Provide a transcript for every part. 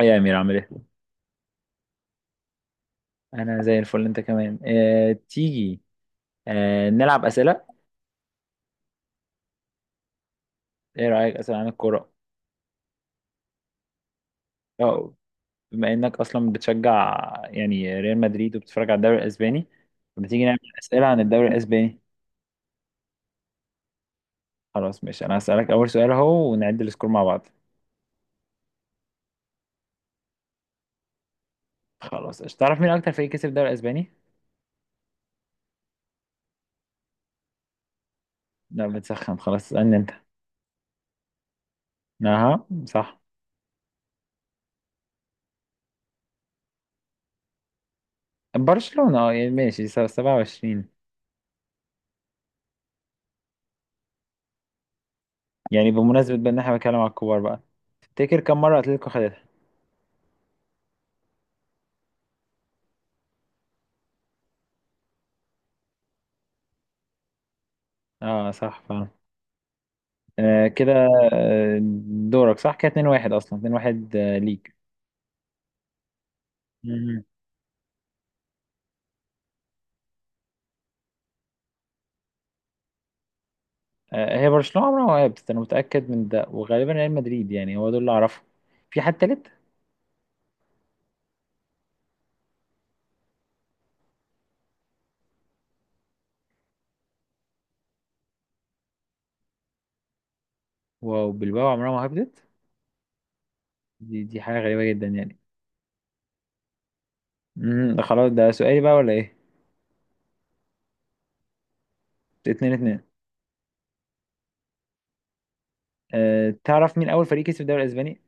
إيه يا أمير عامل إيه؟ أنا زي الفل. أنت كمان. تيجي نلعب أسئلة. إيه رأيك أسئلة عن الكورة؟ أه. بما إنك أصلا بتشجع يعني ريال مدريد وبتتفرج على الدوري الأسباني، ما تيجي نعمل أسئلة عن الدوري الأسباني. خلاص ماشي، أنا هسألك أول سؤال أهو ونعد السكور مع بعض. خلاص قشطة. تعرف مين أكتر فريق كسب الدوري الأسباني؟ لا بتسخن، خلاص اسألني أنت. أها صح. برشلونة يعني ماشي، 27. يعني بمناسبة بقى إن إحنا بنتكلم على الكبار بقى، تفتكر كم مرة أتلتيكو خدتها؟ أه صح. آه كده. آه، دورك. صح كده 2-1 أصلا. 2-1 ليك. مم. هي برشلونة عمرها ما وقفت، أنا متأكد من ده، وغالبا ريال مدريد يعني. هو دول اللي أعرفهم. في حد تالت؟ واو، بلباو عمرها ما هبطت. دي حاجة غريبة جدا يعني. ده خلاص، ده سؤالي بقى ولا إيه؟ 2-2. تعرف مين أول فريق كسب الدوري الأسباني؟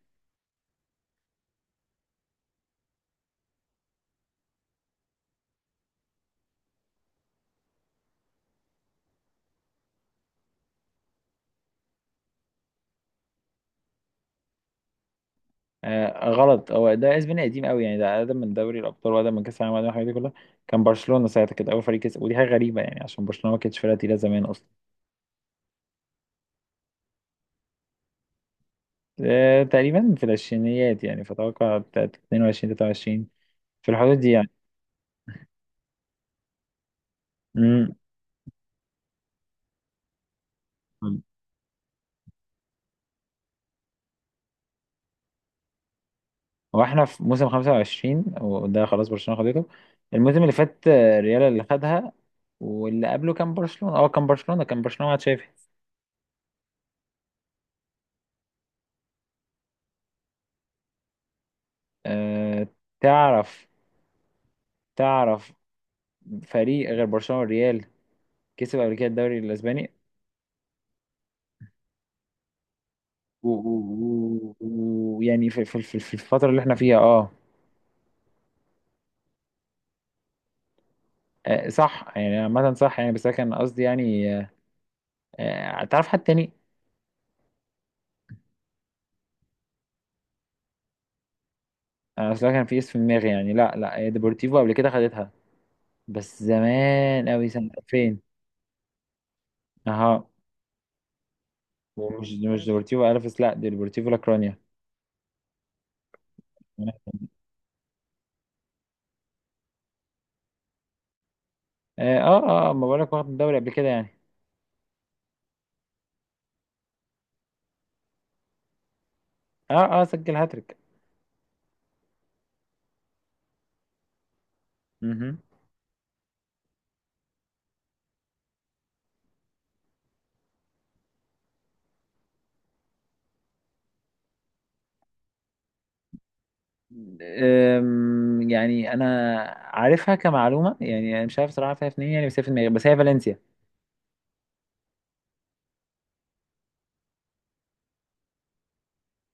آه غلط. هو ده اسباني قديم قوي يعني. ده اقدم من دوري الابطال واقدم من كاس العالم واقدم من الحاجات دي كلها. كان برشلونه ساعتها كانت اول فريق كسب، ودي حاجه غريبه يعني عشان برشلونه ما كانتش فرقه تقيله زمان اصلا. تقريبا في العشرينيات يعني، فأتوقع بتاعت 22 23، في الحدود دي يعني. امم. واحنا في موسم 25 وده خلاص برشلونة خدته. الموسم اللي فات ريال اللي خدها. واللي قبله كان برشلونة اه كان برشلونة كان برشلونة مع تشافي. أه تعرف. تعرف فريق غير برشلونة والريال كسب قبل كده الدوري الأسباني ويعني في الفترة اللي احنا فيها صح يعني، عامة صح يعني، بس أنا كان قصدي يعني تعرف حد تاني. انا اصلا كان في اسم في دماغي يعني، لا لا، هي ديبورتيفو قبل كده خدتها. بس زمان قوي سنة 2000. اها. ومش مش ديبورتيفو الفيس، لا، دي ديبورتيفو لاكرونيا. اه اه، ما بقولك واخد الدوري قبل كده يعني. اه اه سجل هاتريك. مهم. يعني انا عارفها كمعلومه يعني، انا مش عارف صراحه فيها فين يعني، بس هي في دماغي. بس هي فالنسيا.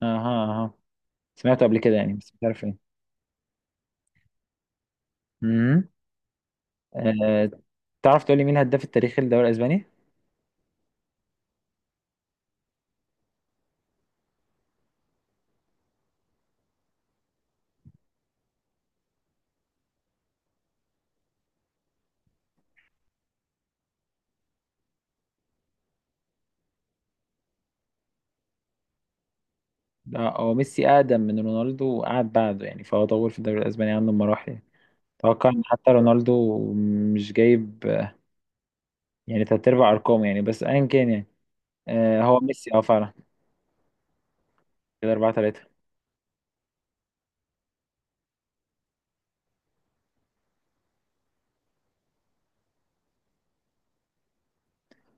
اها اها. سمعته قبل كده يعني، بس مش عارف فين. مهم. أه تعرف تقول لي مين الهداف التاريخي للدوري الاسباني؟ هو ميسي أقدم من رونالدو وقعد بعده يعني، فهو طور في الدوري الأسباني عنه بمراحل يعني. أتوقع إن حتى رونالدو مش جايب يعني تلات أرباع أرقامه يعني، بس أيا كان يعني. هو ميسي فعلا. كده أربعة تلاتة.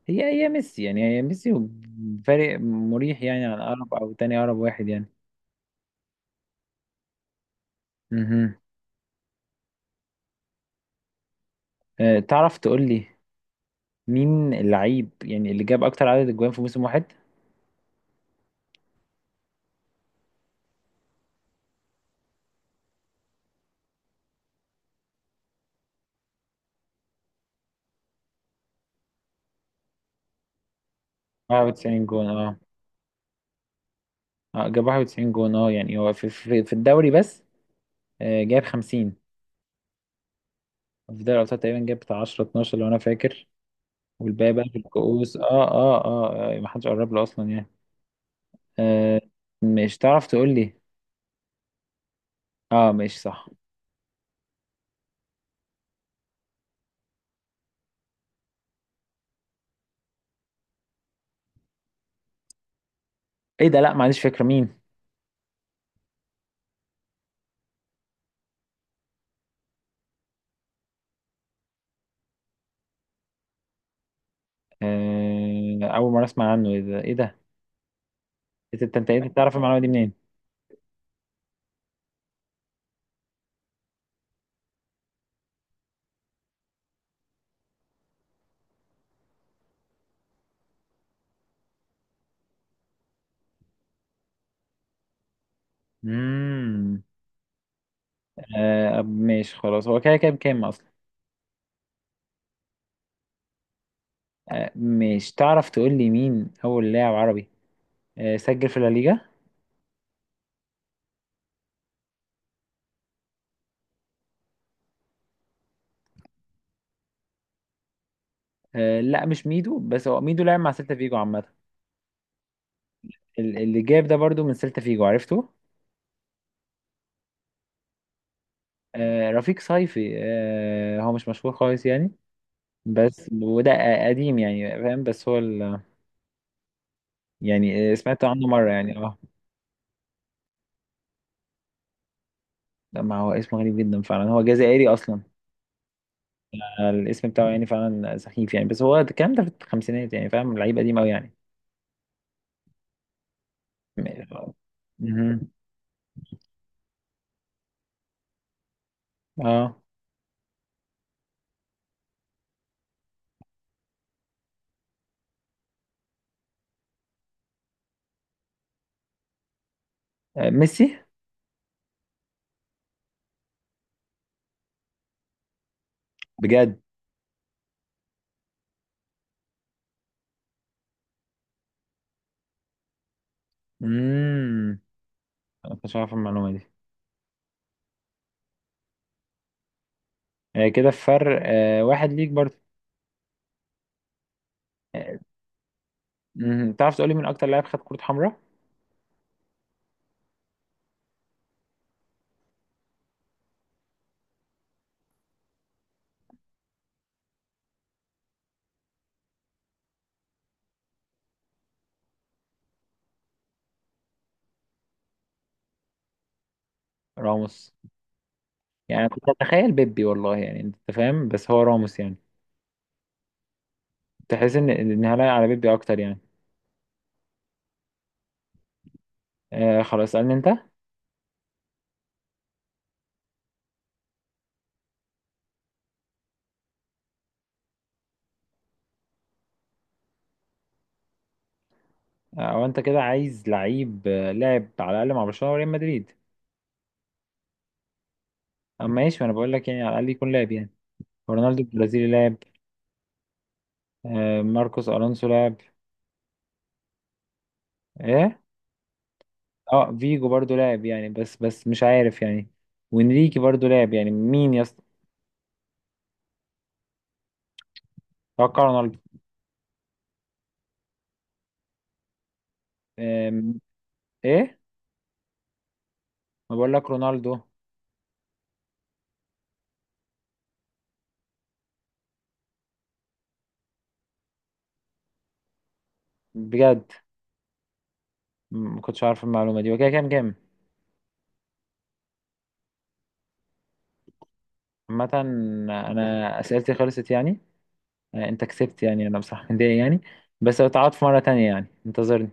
هي ميسي يعني، هي ميسي. فرق مريح يعني عن أقرب أو تاني أقرب واحد يعني. مهم. تعرف تقول لي مين اللعيب يعني اللي جاب أكتر عدد أجوان في موسم واحد؟ 91 جون جاب 91 جون يعني هو في الدوري بس. جاب 50 في دوري الابطال تقريبا. جاب بتاع 10 12 لو انا فاكر، والباقي بقى في الكؤوس اه اه, ما حدش قرب له اصلا يعني. آه مش تعرف تقول لي. اه مش صح. ايه ده؟ لا ما عنديش فكره مين. اول مره اسمع عنه. ايه ده ايه ده؟ إيه ده؟ انت انت إنت تعرف المعلومه دي منين؟ امم. ماشي خلاص، هو كده كده بكام اصلا؟ مش تعرف تقول لي مين اول لاعب عربي سجل في الليجا؟ لا مش ميدو، بس هو ميدو لعب مع سيلتا فيجو عامه. اللي جاب ده برضو من سيلتا فيجو، عرفته. رفيق صيفي. هو مش مشهور خالص يعني، بس وده قديم يعني فاهم، بس هو يعني سمعت عنه مرة يعني لا، ما هو اسمه غريب جدا فعلا. هو جزائري اصلا. الاسم بتاعه يعني فعلا سخيف يعني، بس هو الكلام ده في الخمسينات يعني فاهم، لعيب قديم قوي يعني. م- مهم. اه ميسي. بجد. امم. انا كنتش عارف المعلومة دي. كده في فرق واحد ليك برضه. آه، مهم. تعرف تقولي مين اكتر لاعب خد كرة حمراء؟ راموس؟ يعني أنا كنت اتخيل بيبي والله يعني، انت فاهم، بس هو راموس يعني. تحس ان هلاقي على بيبي اكتر يعني. خلاص اسالني انت او انت كده عايز لعيب لاعب على الاقل مع برشلونه وريال مدريد. اما ماشي، انا بقول لك يعني، على الاقل يكون لاعب يعني. رونالدو البرازيلي لاعب. ماركوس الونسو لاعب. ايه. اه فيجو برضو لاعب يعني، بس بس مش عارف يعني. وانريكي برضو لاعب يعني. مين يا اسطى؟ اتوقع رونالدو. آم، ايه. ما بقول لك رونالدو. بجد. ما كنتش عارف المعلومه دي. وكده كام كام؟ عامة، أنا أسئلتي خلصت يعني. أنت كسبت يعني، أنا بصراحة متضايق يعني. بس لو تعاد في مرة تانية يعني، انتظرني.